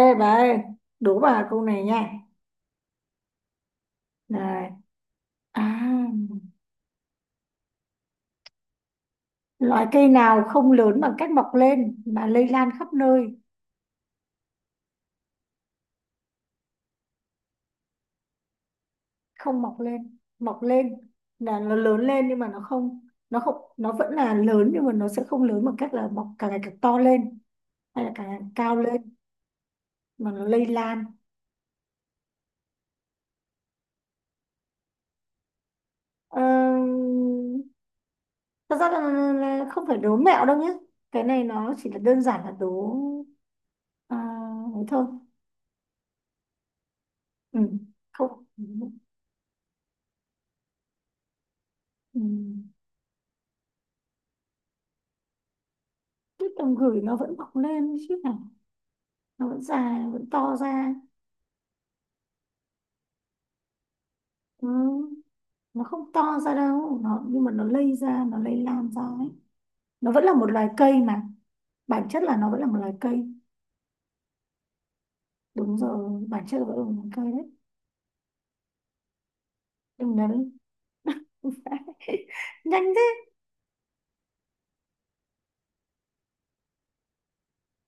Ê bà ơi, đố bà câu này nha. Này, à, loại cây nào không lớn bằng cách mọc lên mà lây lan khắp nơi, không mọc lên, mọc lên là nó lớn lên nhưng mà nó không, nó vẫn là lớn nhưng mà nó sẽ không lớn bằng cách là mọc càng ngày càng to lên hay là càng ngày càng cao lên mà nó lây lan. Ờ, thật ra là không phải đố mẹo đâu nhé. Cái này nó chỉ là đơn giản là đố à, ấy thôi. Ừ, không. Ừ. Ừ. Cái tầm gửi nó vẫn mọc lên chứ hả? Nó vẫn dài, nó vẫn to ra. Ừ. Nó không to ra đâu, nó nhưng mà nó lây ra, nó lây lan ra ấy. Nó vẫn là một loài cây mà. Bản chất là nó vẫn là một loài cây. Đúng rồi, bản chất là vẫn là một loài cây đấy. Đừng đấy. Nhanh thế.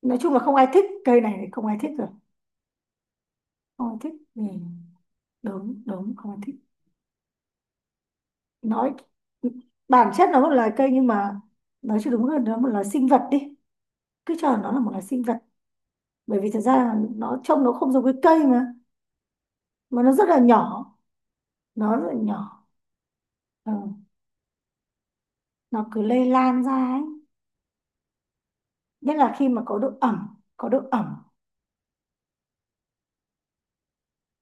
Nói chung là không ai thích cây này thì không ai thích rồi. Không ai thích. Ừ. Đúng, đúng, không ai thích. Nói bản chất nó là một loài cây nhưng mà nói cho đúng hơn nó là một loài sinh vật đi. Cứ cho nó là một loài sinh vật bởi vì thật ra là nó trông nó không giống cái cây mà nó rất là nhỏ, nó rất là nhỏ. Ừ. Nó cứ lây lan ra ấy, nhất là khi mà có độ ẩm, có độ ẩm.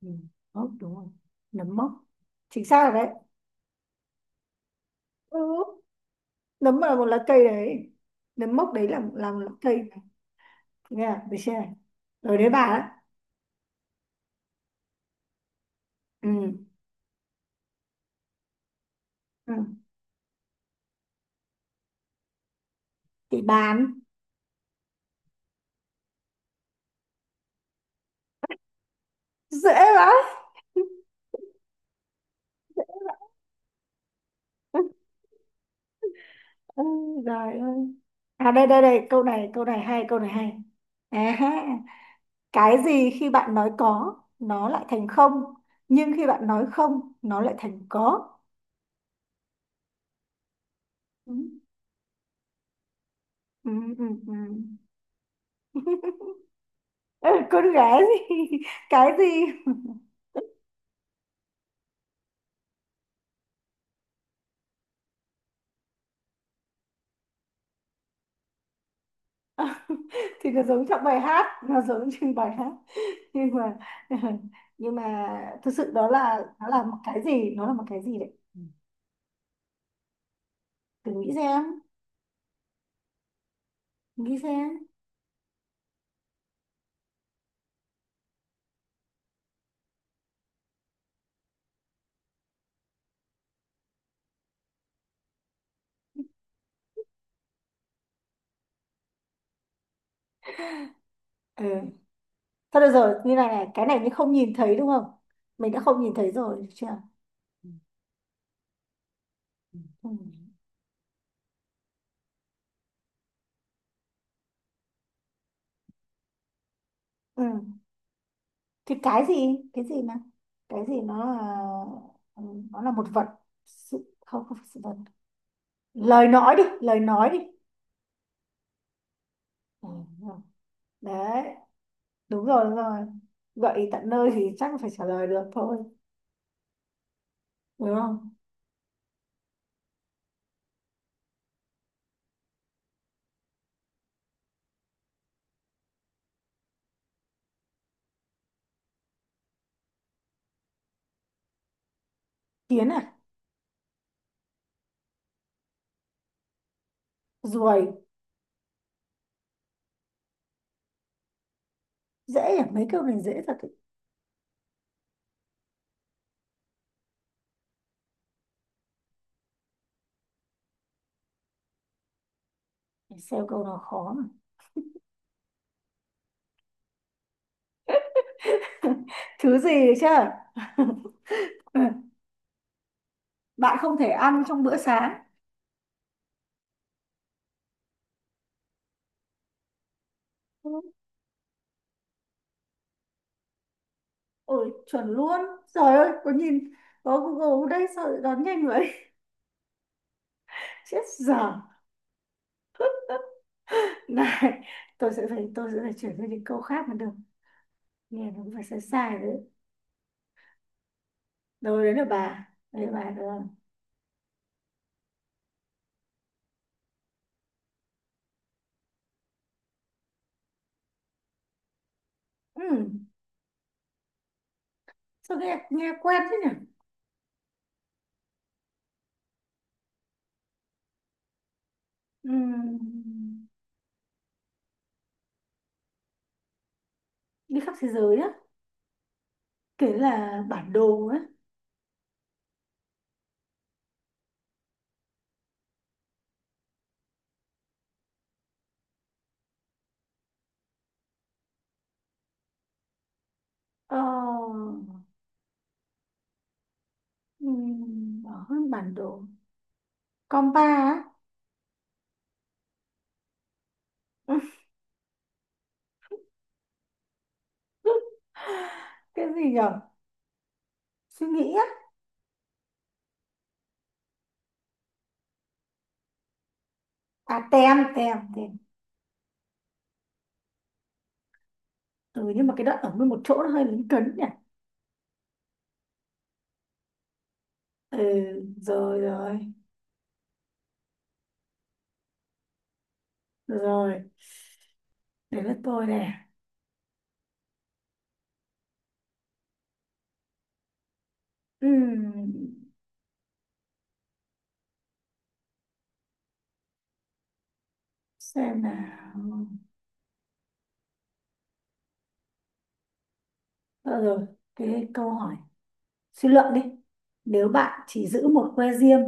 Ừ. Mốc, đúng rồi, nấm mốc, chính xác rồi đấy. Ừ. Nấm là một lá cây đấy, nấm mốc đấy là một lá cây này. Nghe à? Được chưa này, rồi đấy bà đấy. Ừ. Ừ. Thì bán dễ quá. Ôi, ơi. À đây đây đây câu này hay câu này hay. À ha. Cái gì khi bạn nói có nó lại thành không nhưng khi bạn nói không nó lại thành có. Ừ, ừ, ừ, ừ. Ừ, con gái gì. Cái gì? Thì nó giống trong bài hát, nó giống trên bài hát, nhưng mà nhưng mà thực sự đó là nó là một cái gì, nó là một cái gì đấy. Ừ. Thử nghĩ xem, nghĩ xem. Ừ. Thôi được rồi, như này này, cái này như không nhìn thấy đúng không, mình đã không nhìn thấy rồi được chưa. Ừ. Ừ. Thì cái gì, cái gì mà, cái gì nó là, nó là một vật, sự không, không phải sự vật, lời nói đi, lời nói đi. Ừ, đúng rồi. Đấy, đúng rồi, đúng rồi, gợi ý tận nơi thì chắc phải trả lời được thôi, đúng không. Kiến à. Ruồi. Dễ à, mấy câu này dễ thật ý. Để xem câu nào khó mà. Thứ gì đấy chứ. Bạn không thể ăn trong bữa sáng. Ôi chuẩn luôn, trời ơi có nhìn, có Google đây sao lại đoán nhanh vậy. Chết dở. Này, tôi sẽ phải chuyển sang những câu khác mới được. Nghe nó cũng phải sai sai đấy. Đâu đấy là bà. Đấy là bà được không? Ừ, sao nghe, nghe quen thế nhỉ? Ừ, đi khắp thế giới á. Kể là bản đồ á. Ờ, ừ, bỏ hơn bản đồ. Compa á. Cái gì nhỉ? Suy nghĩ á. À, tem, tem, tem. Ừ, nhưng mà cái đoạn ở nguyên một chỗ nó hơi lấn cấn nhỉ? Ừ, rồi, rồi, rồi. Đấy là tôi nè. Ừ. Xem nào. Ờ rồi, cái câu hỏi suy luận đi, nếu bạn chỉ giữ một que diêm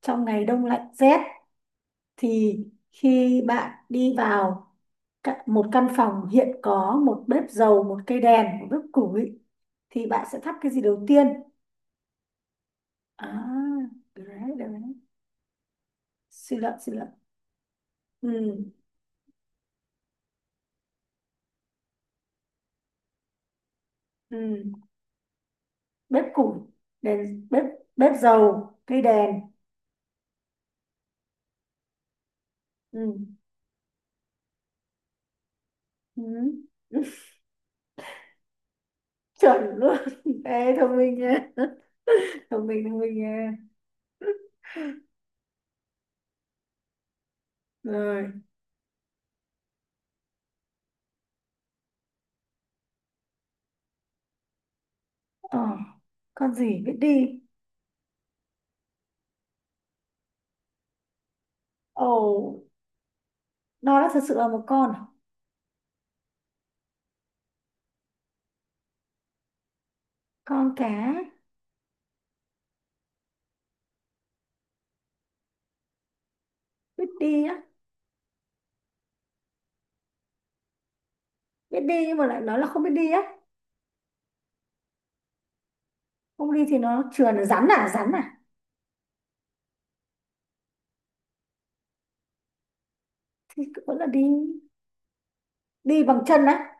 trong ngày đông lạnh rét thì khi bạn đi vào một căn phòng hiện có một bếp dầu, một cây đèn, một bếp củi thì bạn sẽ thắp cái gì đầu tiên. À được đấy, được đấy, suy luận, suy luận. Ừ. Ừ. Bếp củi, đèn bếp, bếp dầu, cây đèn. Ừ. Ừ. Chuẩn luôn. Ê, thông minh nha, thông minh nha. Rồi. Ờ, con gì biết đi. Ồ, nó đã thật sự là một con à? Con cá. Biết đi á. Biết đi nhưng mà lại nói là không biết đi á. Không đi thì nó trườn, là rắn à, rắn à. Thì vẫn là đi, đi bằng chân á.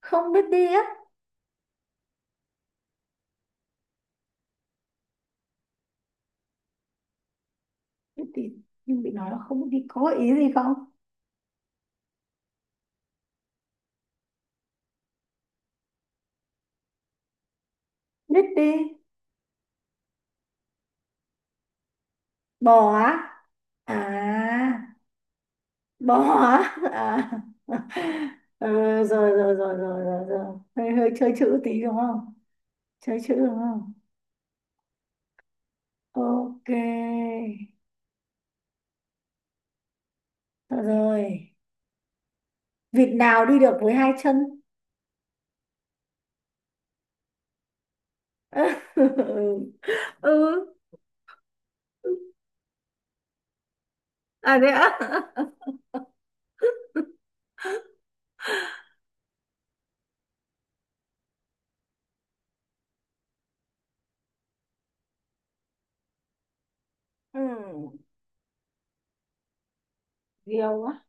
Không biết đi á. Biết đi nhưng bị nói là không biết đi, có gợi ý gì không. Biết đi. Bò á. À, bó hả à. Ừ, rồi, rồi rồi rồi rồi rồi, hơi hơi chơi chữ tí đúng không, chơi chữ đúng không. Ok. Được rồi, vịt nào đi được với hai chân. Ừ. Ừ. À thế ạ. Ừ. Diều á.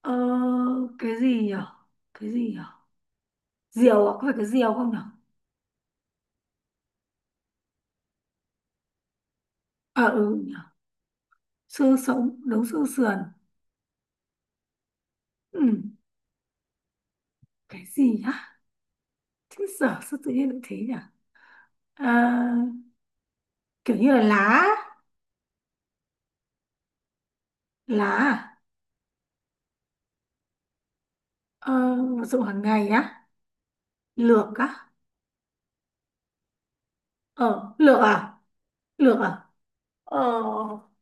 Ờ, cái gì nhỉ, cái gì nhỉ, diều à, có phải cái diều không nhỉ. À ừ nhỉ. Xương sống đấu xương sườn. Ừ. Cái gì nhá, chứ giờ sao tự nhiên lại thế nhỉ. À, kiểu như là lá. Lá à? Ờ, dụng hàng ngày á, lược á. Ờ lược à. Lược à. Ờ.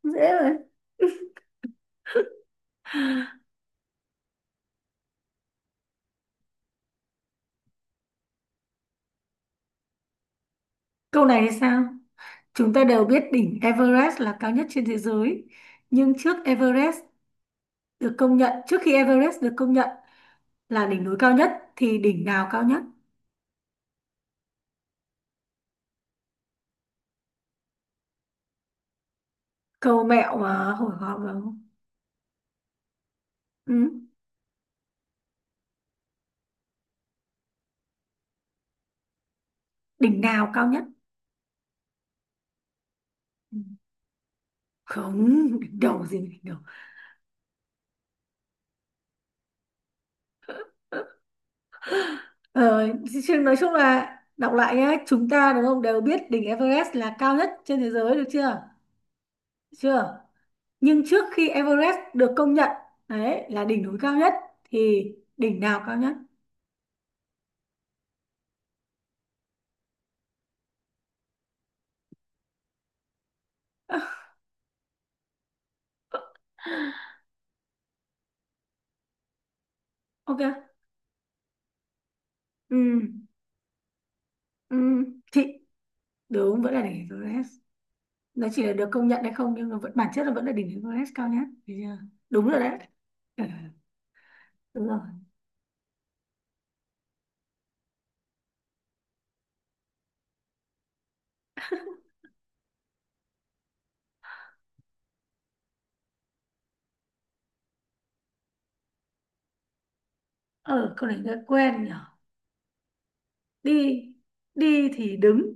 Dễ rồi. Câu này thì sao, chúng ta đều biết đỉnh Everest là cao nhất trên thế giới nhưng trước Everest được công nhận, trước khi Everest được công nhận là đỉnh núi cao nhất thì đỉnh nào cao nhất. Câu mẹo mà, hồi hộp vào. Ừ. Đỉnh nào cao nhất. Ừ. Không đỉnh đầu gì đỉnh đầu. Ờ, chứ nói chung là đọc lại nhé, chúng ta đúng không đều biết đỉnh Everest là cao nhất trên thế giới được chưa? Được chưa. Nhưng trước khi Everest được công nhận đấy là đỉnh núi cao nhất thì đỉnh nào cao nhất? Ok. Ừ. Ừ. Chị đúng vẫn là đỉnh Everest. Nó chỉ là được công nhận hay không nhưng mà vẫn bản chất là vẫn là đỉnh Everest cao nhất. Được chưa? Đúng rồi đấy. Ừ, đúng rồi. Ờ câu này nghe quen nhỉ. Đi, đi thì đứng,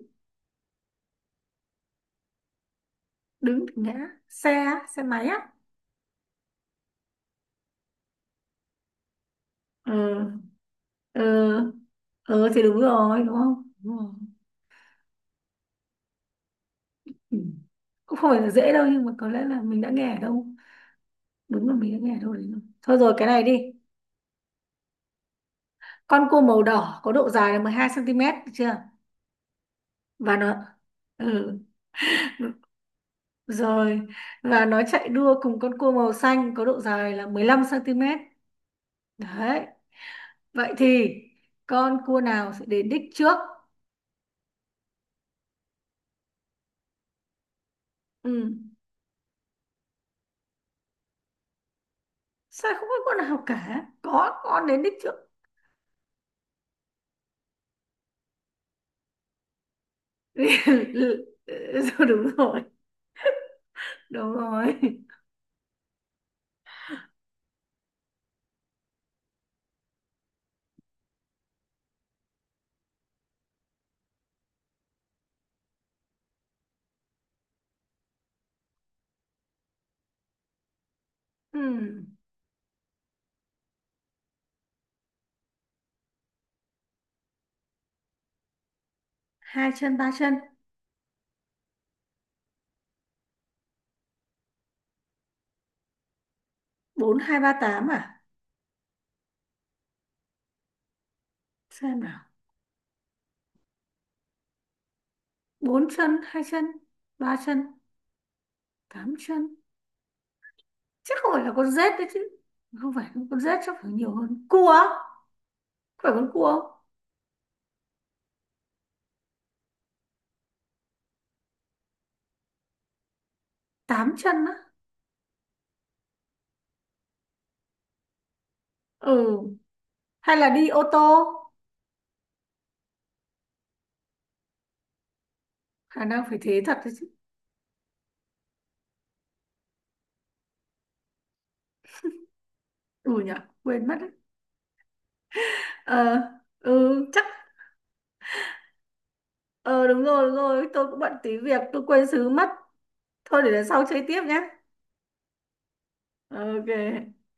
đứng thì ngã, xe á, xe máy á. Ờ. Ờ. Ờ thì đúng rồi đúng không, đúng rồi. Ừ. Cũng không phải là dễ đâu nhưng mà có lẽ là mình đã nghe ở đâu, đúng là mình đã nghe ở đâu đấy rồi thôi, rồi cái này đi. Con cua màu đỏ có độ dài là 12 cm, được chưa, và nó, ừ. Rồi, và nó chạy đua cùng con cua màu xanh có độ dài là 15 cm, đấy, vậy thì con cua nào sẽ đến đích trước. Ừ. Sao không có con nào cả, có con đến đích trước. Rồi, đúng rồi, đúng rồi. Ừ. Hai chân ba chân. Bốn hai ba tám à. Xem nào, bốn chân, hai chân, ba chân, tám chân, chắc không phải là con rết đấy chứ, không phải con rết, chắc phải nhiều hơn cua á? Phải con cua không? Tám chân á. Ừ. Hay là đi ô tô. Khả năng phải thế thật đấy chứ. Ừ nhỉ, quên mất đấy. Ờ. Ừ chắc. Ờ đúng rồi, đúng rồi, tôi cũng bận tí việc tôi quên xứ mất, thôi để lần sau chơi tiếp nhé. Ok.